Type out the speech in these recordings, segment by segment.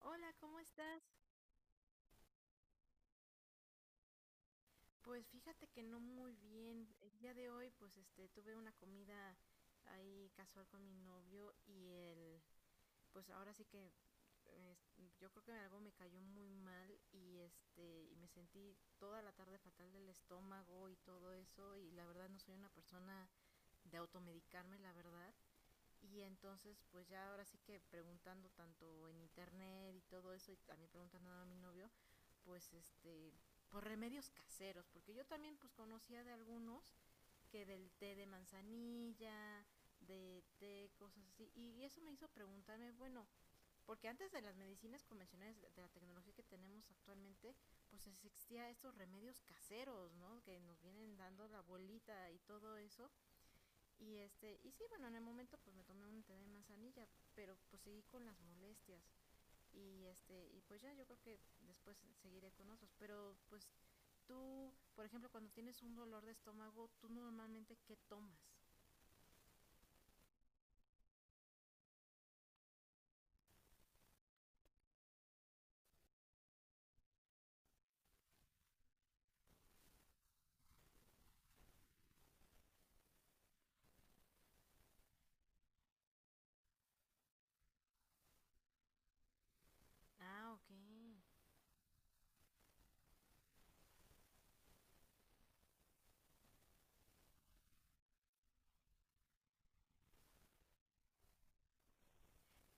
Hola, ¿cómo estás? Pues fíjate que no muy bien. El día de hoy, pues este, tuve una comida ahí casual con mi novio y él, pues ahora sí que es- yo creo que algo me cayó muy mal y este, y me sentí toda la tarde fatal del estómago y todo eso, y la verdad no soy una persona de automedicarme, la verdad. Y entonces, pues ya ahora sí que preguntando tanto en internet y todo eso, y también preguntando a mi novio, pues este, por remedios caseros, porque yo también pues conocía de algunos, que del té de manzanilla, de té, cosas así, y eso me hizo preguntarme, bueno, porque antes de las medicinas convencionales, de la tecnología que tenemos actualmente, pues existía estos remedios caseros, ¿no? Que nos vienen dando la bolita y todo eso, y este, y sí, bueno, en el momento pues me tomé un té de manzanilla, pero pues seguí con las molestias. Y este, y pues ya yo creo que después seguiré con otros, pero pues tú, por ejemplo, cuando tienes un dolor de estómago, tú normalmente ¿qué tomas? Ah, ok.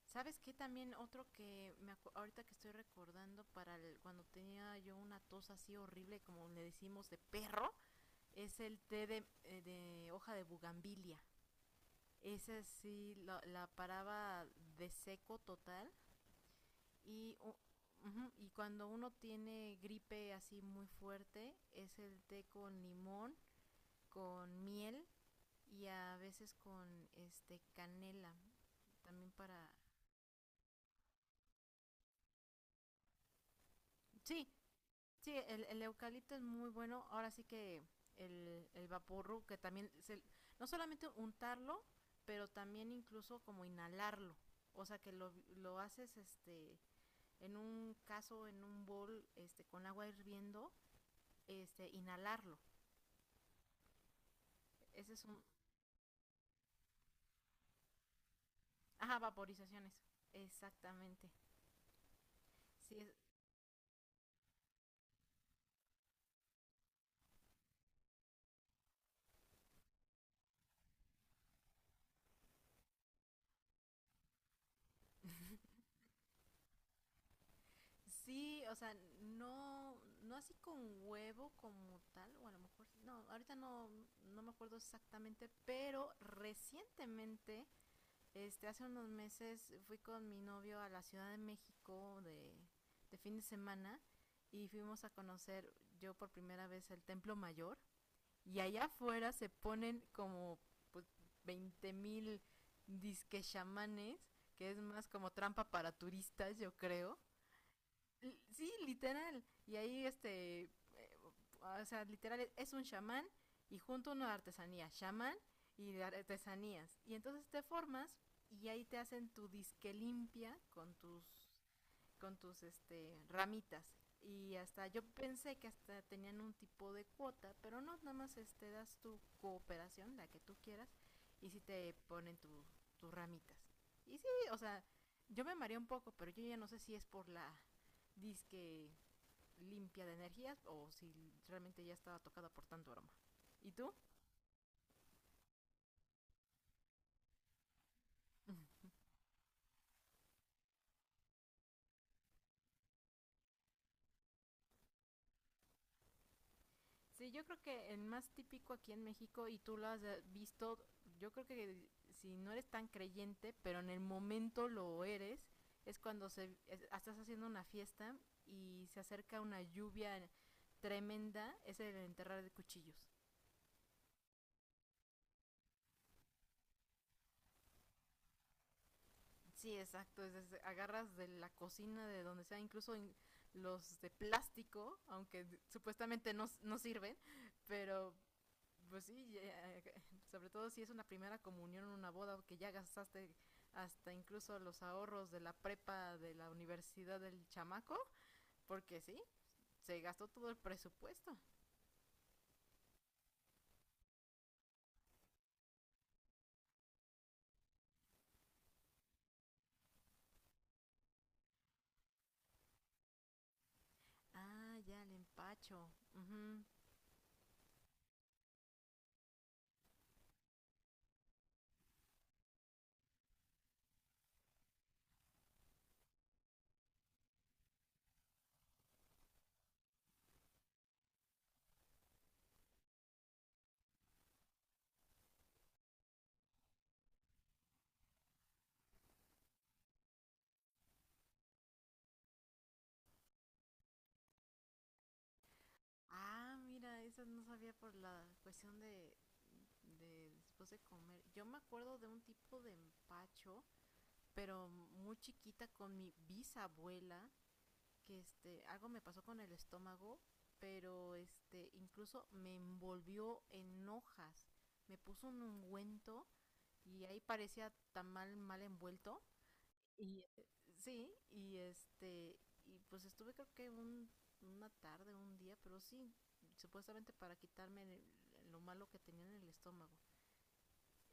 ¿Sabes qué? También otro que ahorita que estoy recordando cuando tenía yo una tos así horrible, como le decimos de perro, es el té de hoja de bugambilia. Esa sí la paraba de seco total. Y, ujú, y cuando uno tiene gripe así muy fuerte, es el té con limón, con miel y a veces con este canela. También para… Sí, sí, el eucalipto es muy bueno. Ahora sí que el vaporru, que también… no solamente untarlo, pero también incluso como inhalarlo. O sea que lo haces este en un caso, en un bol, este, con agua hirviendo, este, inhalarlo. Ese es un, ajá, vaporizaciones, exactamente. Sí, sí, o sea, no, no así con huevo como tal, o a lo mejor, no, ahorita no, no me acuerdo exactamente, pero recientemente, este, hace unos meses fui con mi novio a la Ciudad de México de fin de semana y fuimos a conocer yo por primera vez el Templo Mayor. Y allá afuera se ponen como pues, 20 mil disque chamanes, que es más como trampa para turistas, yo creo. Sí, literal. Y ahí este, eh, o sea, literal es un chamán y junto una artesanía, chamán y de artesanías. Y entonces te formas y ahí te hacen tu disque limpia con tus, con tus este ramitas, y hasta yo pensé que hasta tenían un tipo de cuota, pero no, nada más este das tu cooperación, la que tú quieras, y si sí te ponen tu, tus ramitas. Y sí, o sea, yo me mareé un poco, pero yo ya no sé si es por la disque limpia de energías o si realmente ya estaba tocada por tanto aroma. ¿Y tú? Sí, yo creo que el más típico aquí en México, y tú lo has visto, yo creo que si no eres tan creyente, pero en el momento lo eres, es cuando se, estás haciendo una fiesta y se acerca una lluvia tremenda, es el enterrar de cuchillos. Sí, exacto, es, agarras de la cocina, de donde sea, incluso los de plástico, aunque supuestamente no, no sirven, pero… Pues sí, ya… sobre todo si es una primera comunión, una boda, que ya gastaste hasta incluso los ahorros de la prepa, de la universidad del chamaco, porque sí, se gastó todo el presupuesto. Ah, ya, el empacho. Ujú. Ah, mira, eso no sabía por la cuestión de después de comer. Yo me acuerdo de un tipo de empacho, pero muy chiquita con mi bisabuela, que este, algo me pasó con el estómago, pero este, incluso me envolvió en hojas. Me puso un ungüento y ahí parecía tan mal, mal envuelto. Y sí, y este, y pues estuve creo que un, una tarde, un día, pero sí, supuestamente para quitarme lo malo que tenía en el estómago.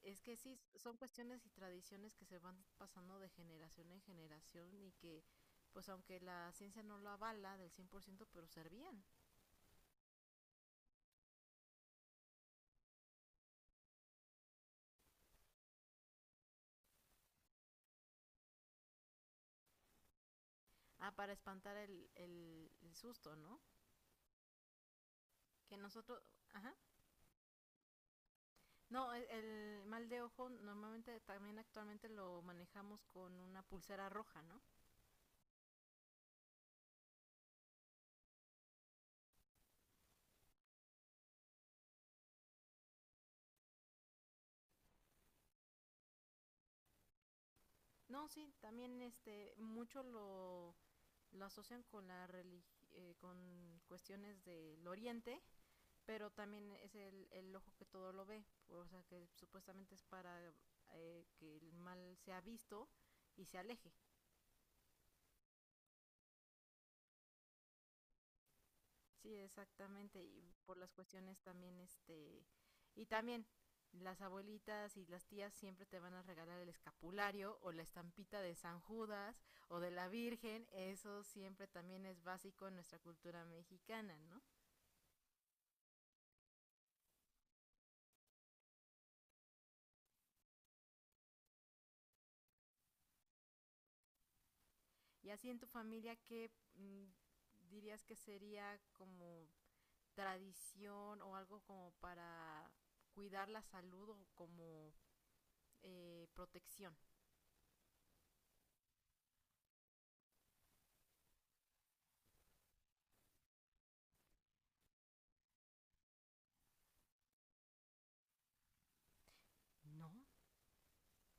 Es que sí, son cuestiones y tradiciones que se van pasando de generación en generación y que, pues aunque la ciencia no lo avala del 100%, pero servían. Ah, para espantar el susto, ¿no? Que nosotros, ajá. No, el mal de ojo normalmente también actualmente lo manejamos con una pulsera roja, ¿no? No, sí, también este, mucho lo asocian con la relig, con cuestiones del oriente, pero también es el ojo que todo lo ve, o sea que supuestamente es para que el mal sea visto y se aleje. Sí, exactamente, y por las cuestiones también, este, y también las abuelitas y las tías siempre te van a regalar el escapulario o la estampita de San Judas o de la Virgen, eso siempre también es básico en nuestra cultura mexicana, ¿no? Y así en tu familia, ¿qué dirías que sería como tradición o algo como para cuidar la salud o como protección? No,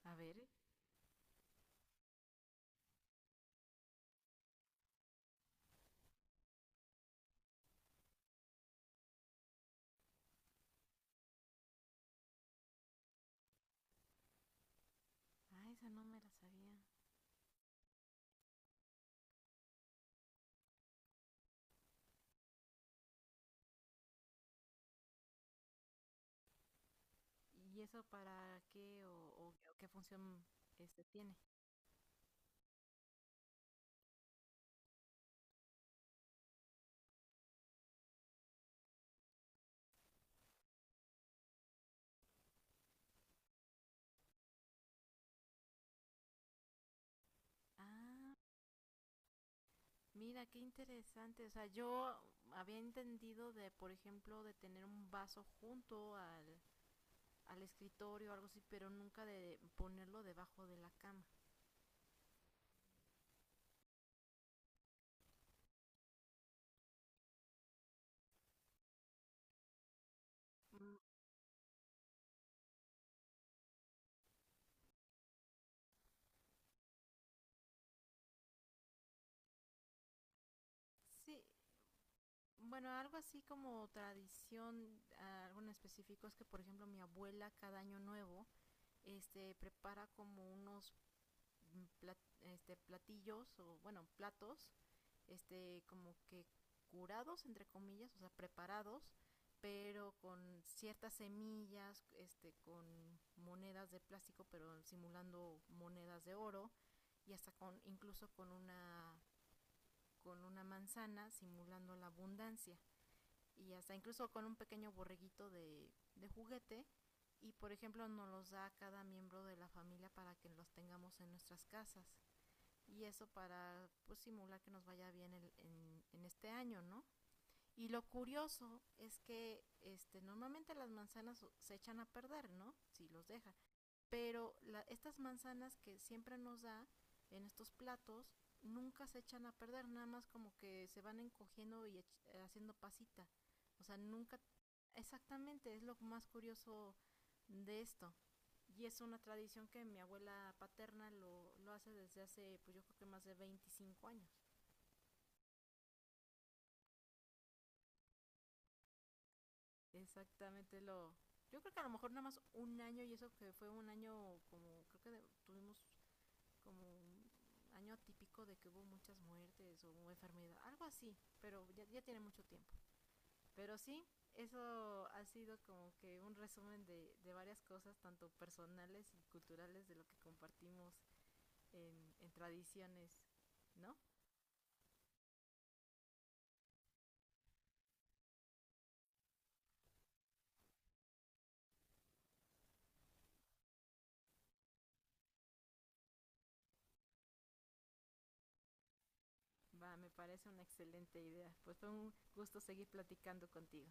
a ver. Ah, esa no me la sabía. ¿Y eso para qué o, qué función este tiene? Ah, mira, qué interesante. O sea, yo había entendido de, por ejemplo, de tener un vaso junto al escritorio o algo así, pero nunca de ponerlo debajo de la cama. Mm, sí, bueno, algo así como tradición, ah, algo en específico es que, por ejemplo, mi abuela cada año nuevo, este, prepara como unos este, platillos o, bueno, platos, este, como que curados, entre comillas, o sea, preparados, pero con ciertas semillas, este, con monedas de plástico, pero simulando monedas de oro, y hasta con, incluso con una manzana simulando la abundancia y hasta incluso con un pequeño borreguito de juguete, y por ejemplo nos los da a cada miembro de la familia para que los tengamos en nuestras casas, y eso para pues, simular que nos vaya bien en este año, ¿no? Y lo curioso es que este, normalmente las manzanas se echan a perder, ¿no? Si los dejan, pero la, estas manzanas que siempre nos da en estos platos nunca se echan a perder, nada más como que se van encogiendo y haciendo pasita. O sea, nunca… Exactamente, es lo más curioso de esto. Y es una tradición que mi abuela paterna lo hace desde hace, pues yo creo que más de 25 años. Exactamente lo… Yo creo que a lo mejor nada más un año, y eso que fue un año como, creo que de, tuvimos como un año atípico de que hubo muchas muertes o enfermedad, algo así, pero ya, ya tiene mucho tiempo. Pero sí, eso ha sido como que un resumen de varias cosas, tanto personales y culturales, de lo que compartimos en tradiciones, ¿no? Va, me parece una excelente idea. Pues fue un gusto seguir platicando contigo.